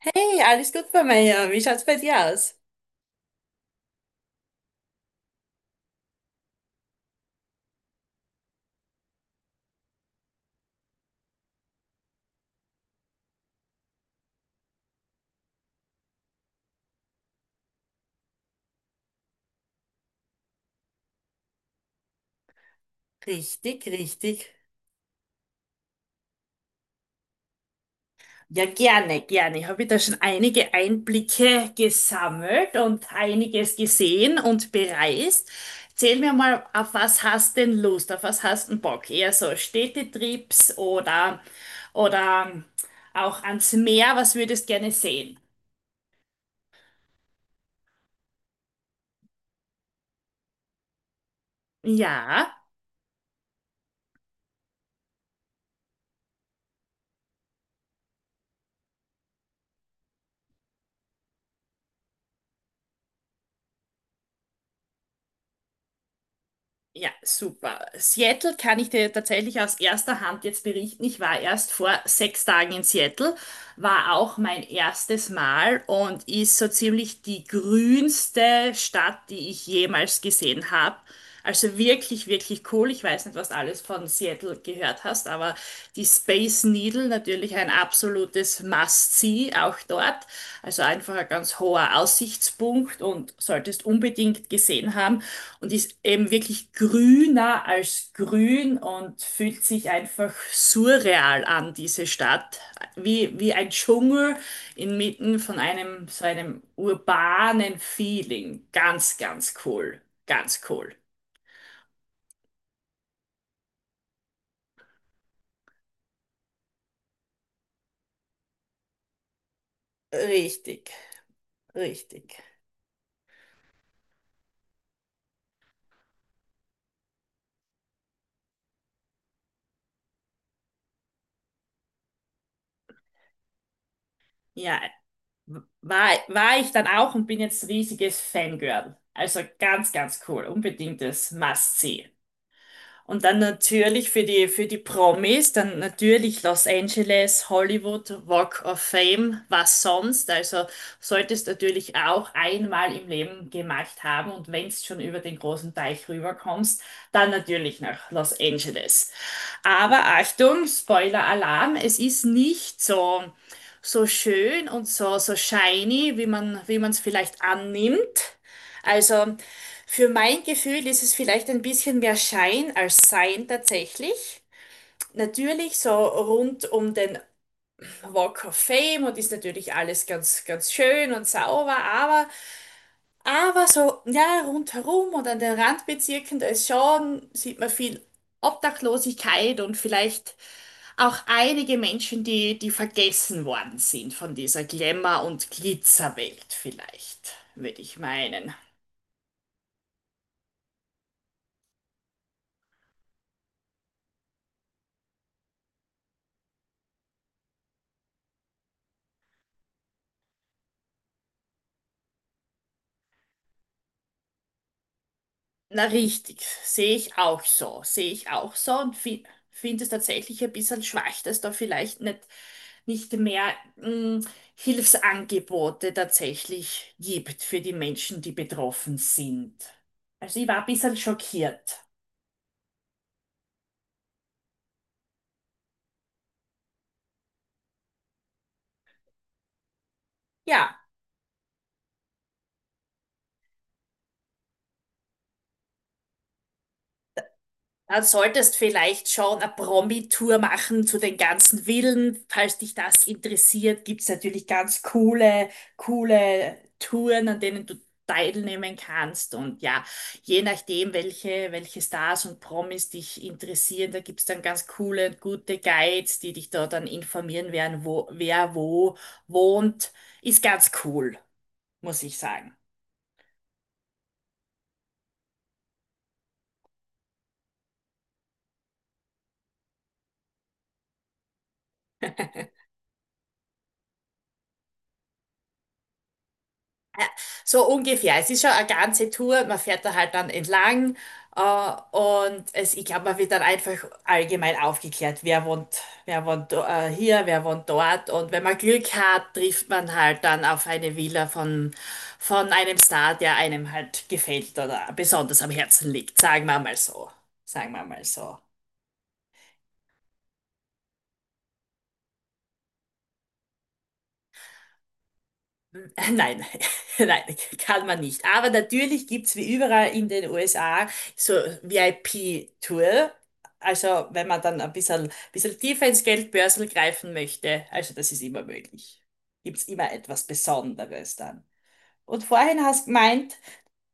Hey, alles gut bei mir hier. Wie schaut's bei dir aus? Richtig, richtig. Ja, gerne, gerne. Ich habe da schon einige Einblicke gesammelt und einiges gesehen und bereist. Erzähl mir mal, auf was hast denn Lust? Auf was hast denn Bock? Eher so Städtetrips oder auch ans Meer? Was würdest gerne sehen? Ja. Ja, super. Seattle kann ich dir tatsächlich aus erster Hand jetzt berichten. Ich war erst vor 6 Tagen in Seattle, war auch mein erstes Mal und ist so ziemlich die grünste Stadt, die ich jemals gesehen habe. Also wirklich, wirklich cool. Ich weiß nicht, was du alles von Seattle gehört hast, aber die Space Needle natürlich ein absolutes Must-See auch dort. Also einfach ein ganz hoher Aussichtspunkt und solltest unbedingt gesehen haben. Und ist eben wirklich grüner als grün und fühlt sich einfach surreal an, diese Stadt. Wie ein Dschungel inmitten von einem so einem urbanen Feeling. Ganz, ganz cool. Ganz cool. Richtig, richtig. Ja, war ich dann auch und bin jetzt riesiges Fangirl. Also ganz, ganz cool. Unbedingtes Must-See. Und dann natürlich für die Promis, dann natürlich Los Angeles, Hollywood, Walk of Fame, was sonst. Also solltest natürlich auch einmal im Leben gemacht haben. Und wenn's schon über den großen Teich rüberkommst, dann natürlich nach Los Angeles. Aber Achtung, Spoiler-Alarm, es ist nicht so, so schön und so, so shiny, wie man es vielleicht annimmt. Also für mein Gefühl ist es vielleicht ein bisschen mehr Schein als Sein tatsächlich. Natürlich so rund um den Walk of Fame und ist natürlich alles ganz, ganz schön und sauber, aber so, ja, rundherum und an den Randbezirken, da ist schon, sieht man viel Obdachlosigkeit und vielleicht auch einige Menschen, die vergessen worden sind von dieser Glamour- und Glitzerwelt vielleicht, würde ich meinen. Na richtig, sehe ich auch so, sehe ich auch so und fi finde es tatsächlich ein bisschen schwach, dass da vielleicht nicht, nicht mehr Hilfsangebote tatsächlich gibt für die Menschen, die betroffen sind. Also ich war ein bisschen schockiert. Ja. Dann solltest vielleicht schon eine Promi-Tour machen zu den ganzen Villen. Falls dich das interessiert, gibt's natürlich ganz coole Touren, an denen du teilnehmen kannst. Und ja, je nachdem, welche Stars und Promis dich interessieren, da gibt's dann ganz coole und gute Guides, die dich da dann informieren werden, wo, wer wo wohnt. Ist ganz cool, muss ich sagen. So ungefähr. Es ist schon eine ganze Tour. Man fährt da halt dann entlang. Äh, und es, ich glaube, man wird dann einfach allgemein aufgeklärt, wer wohnt hier, wer wohnt dort. Und wenn man Glück hat, trifft man halt dann auf eine Villa von einem Star, der einem halt gefällt oder besonders am Herzen liegt. Sagen wir mal so. Sagen wir mal so. Nein, nein, kann man nicht. Aber natürlich gibt's wie überall in den USA so VIP-Tour. Also wenn man dann ein bisschen tiefer ins Geldbörsel greifen möchte, also das ist immer möglich. Gibt's immer etwas Besonderes dann. Und vorhin hast gemeint,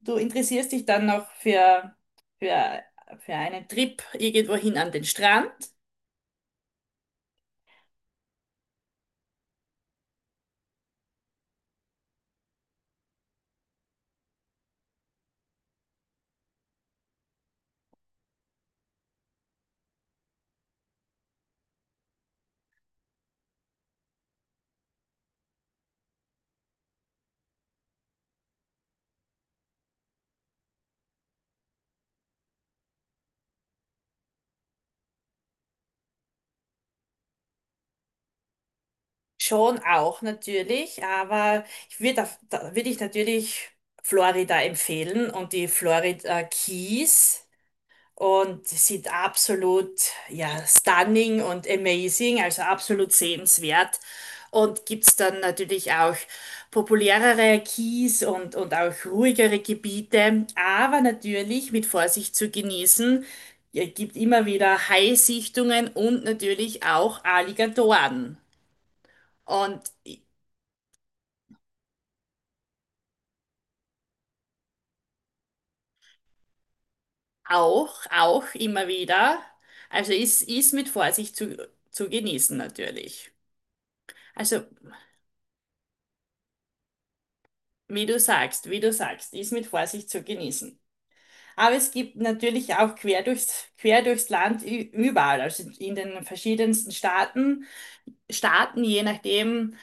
du interessierst dich dann noch für, für einen Trip irgendwohin an den Strand. Schon auch natürlich, aber ich würde da würde ich natürlich Florida empfehlen und die Florida Keys und sie sind absolut, ja, stunning und amazing, also absolut sehenswert. Und gibt's dann natürlich auch populärere Keys und auch ruhigere Gebiete, aber natürlich mit Vorsicht zu genießen. Es gibt immer wieder Haisichtungen und natürlich auch Alligatoren. Und Auch, auch immer wieder. Also ist mit Vorsicht zu genießen natürlich. Also wie du sagst, ist mit Vorsicht zu genießen. Aber es gibt natürlich auch quer durchs Land überall, also in den verschiedensten Staaten, je nachdem,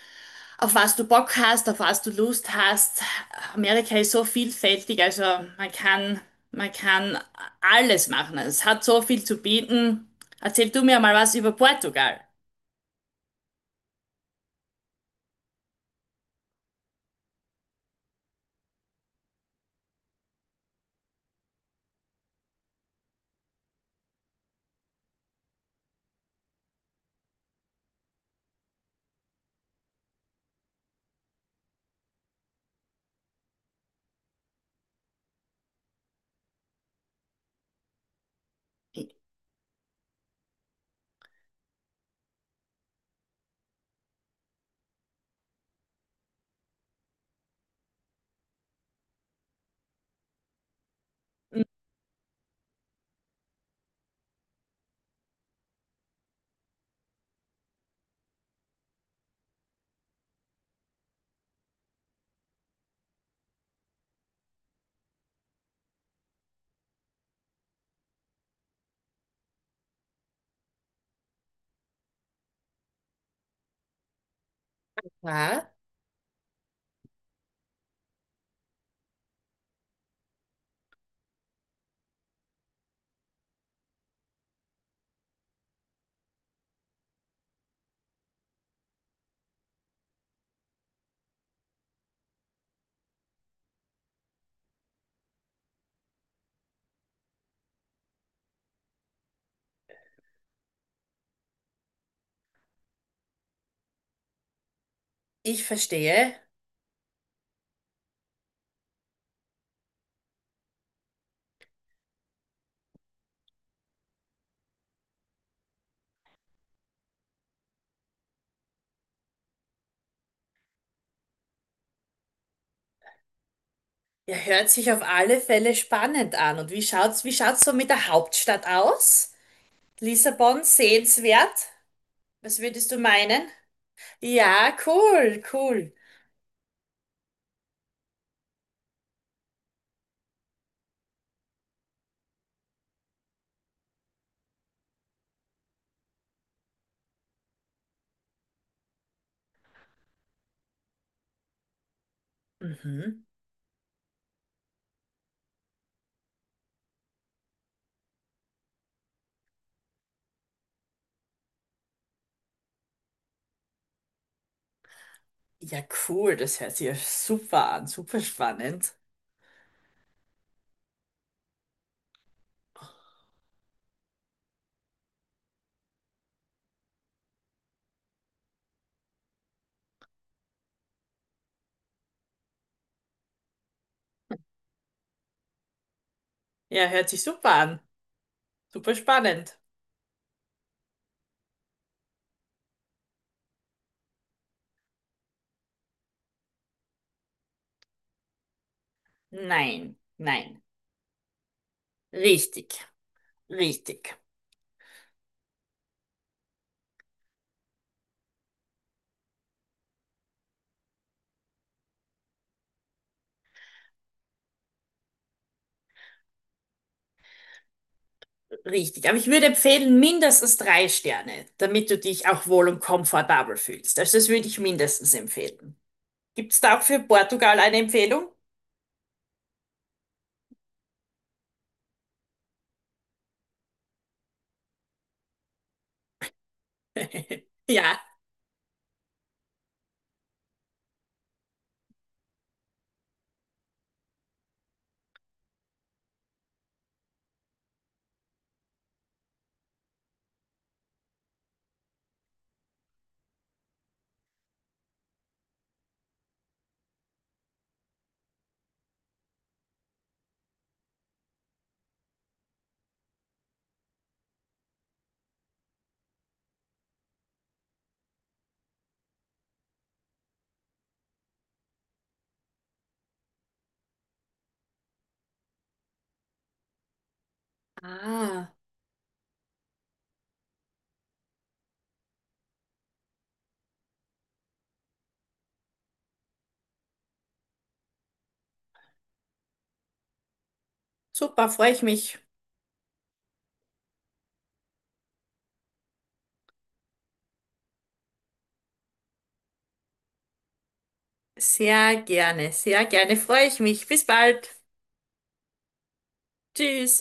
auf was du Bock hast, auf was du Lust hast. Amerika ist so vielfältig, also man kann alles machen. Es hat so viel zu bieten. Erzähl du mir mal was über Portugal. Ja, ich verstehe. Ja, hört sich auf alle Fälle spannend an. Und wie schaut's so mit der Hauptstadt aus? Lissabon sehenswert? Was würdest du meinen? Ja, cool, cool. Mhm. Ja, cool. Das hört sich ja super an, super spannend. Ja, hört sich super an, super spannend. Nein, nein. Richtig, richtig. Richtig, aber ich würde empfehlen, mindestens 3 Sterne, damit du dich auch wohl und komfortabel fühlst. Also das würde ich mindestens empfehlen. Gibt es da auch für Portugal eine Empfehlung? Ja. Ah, super, freue ich mich. Sehr gerne, freue ich mich. Bis bald. Tschüss.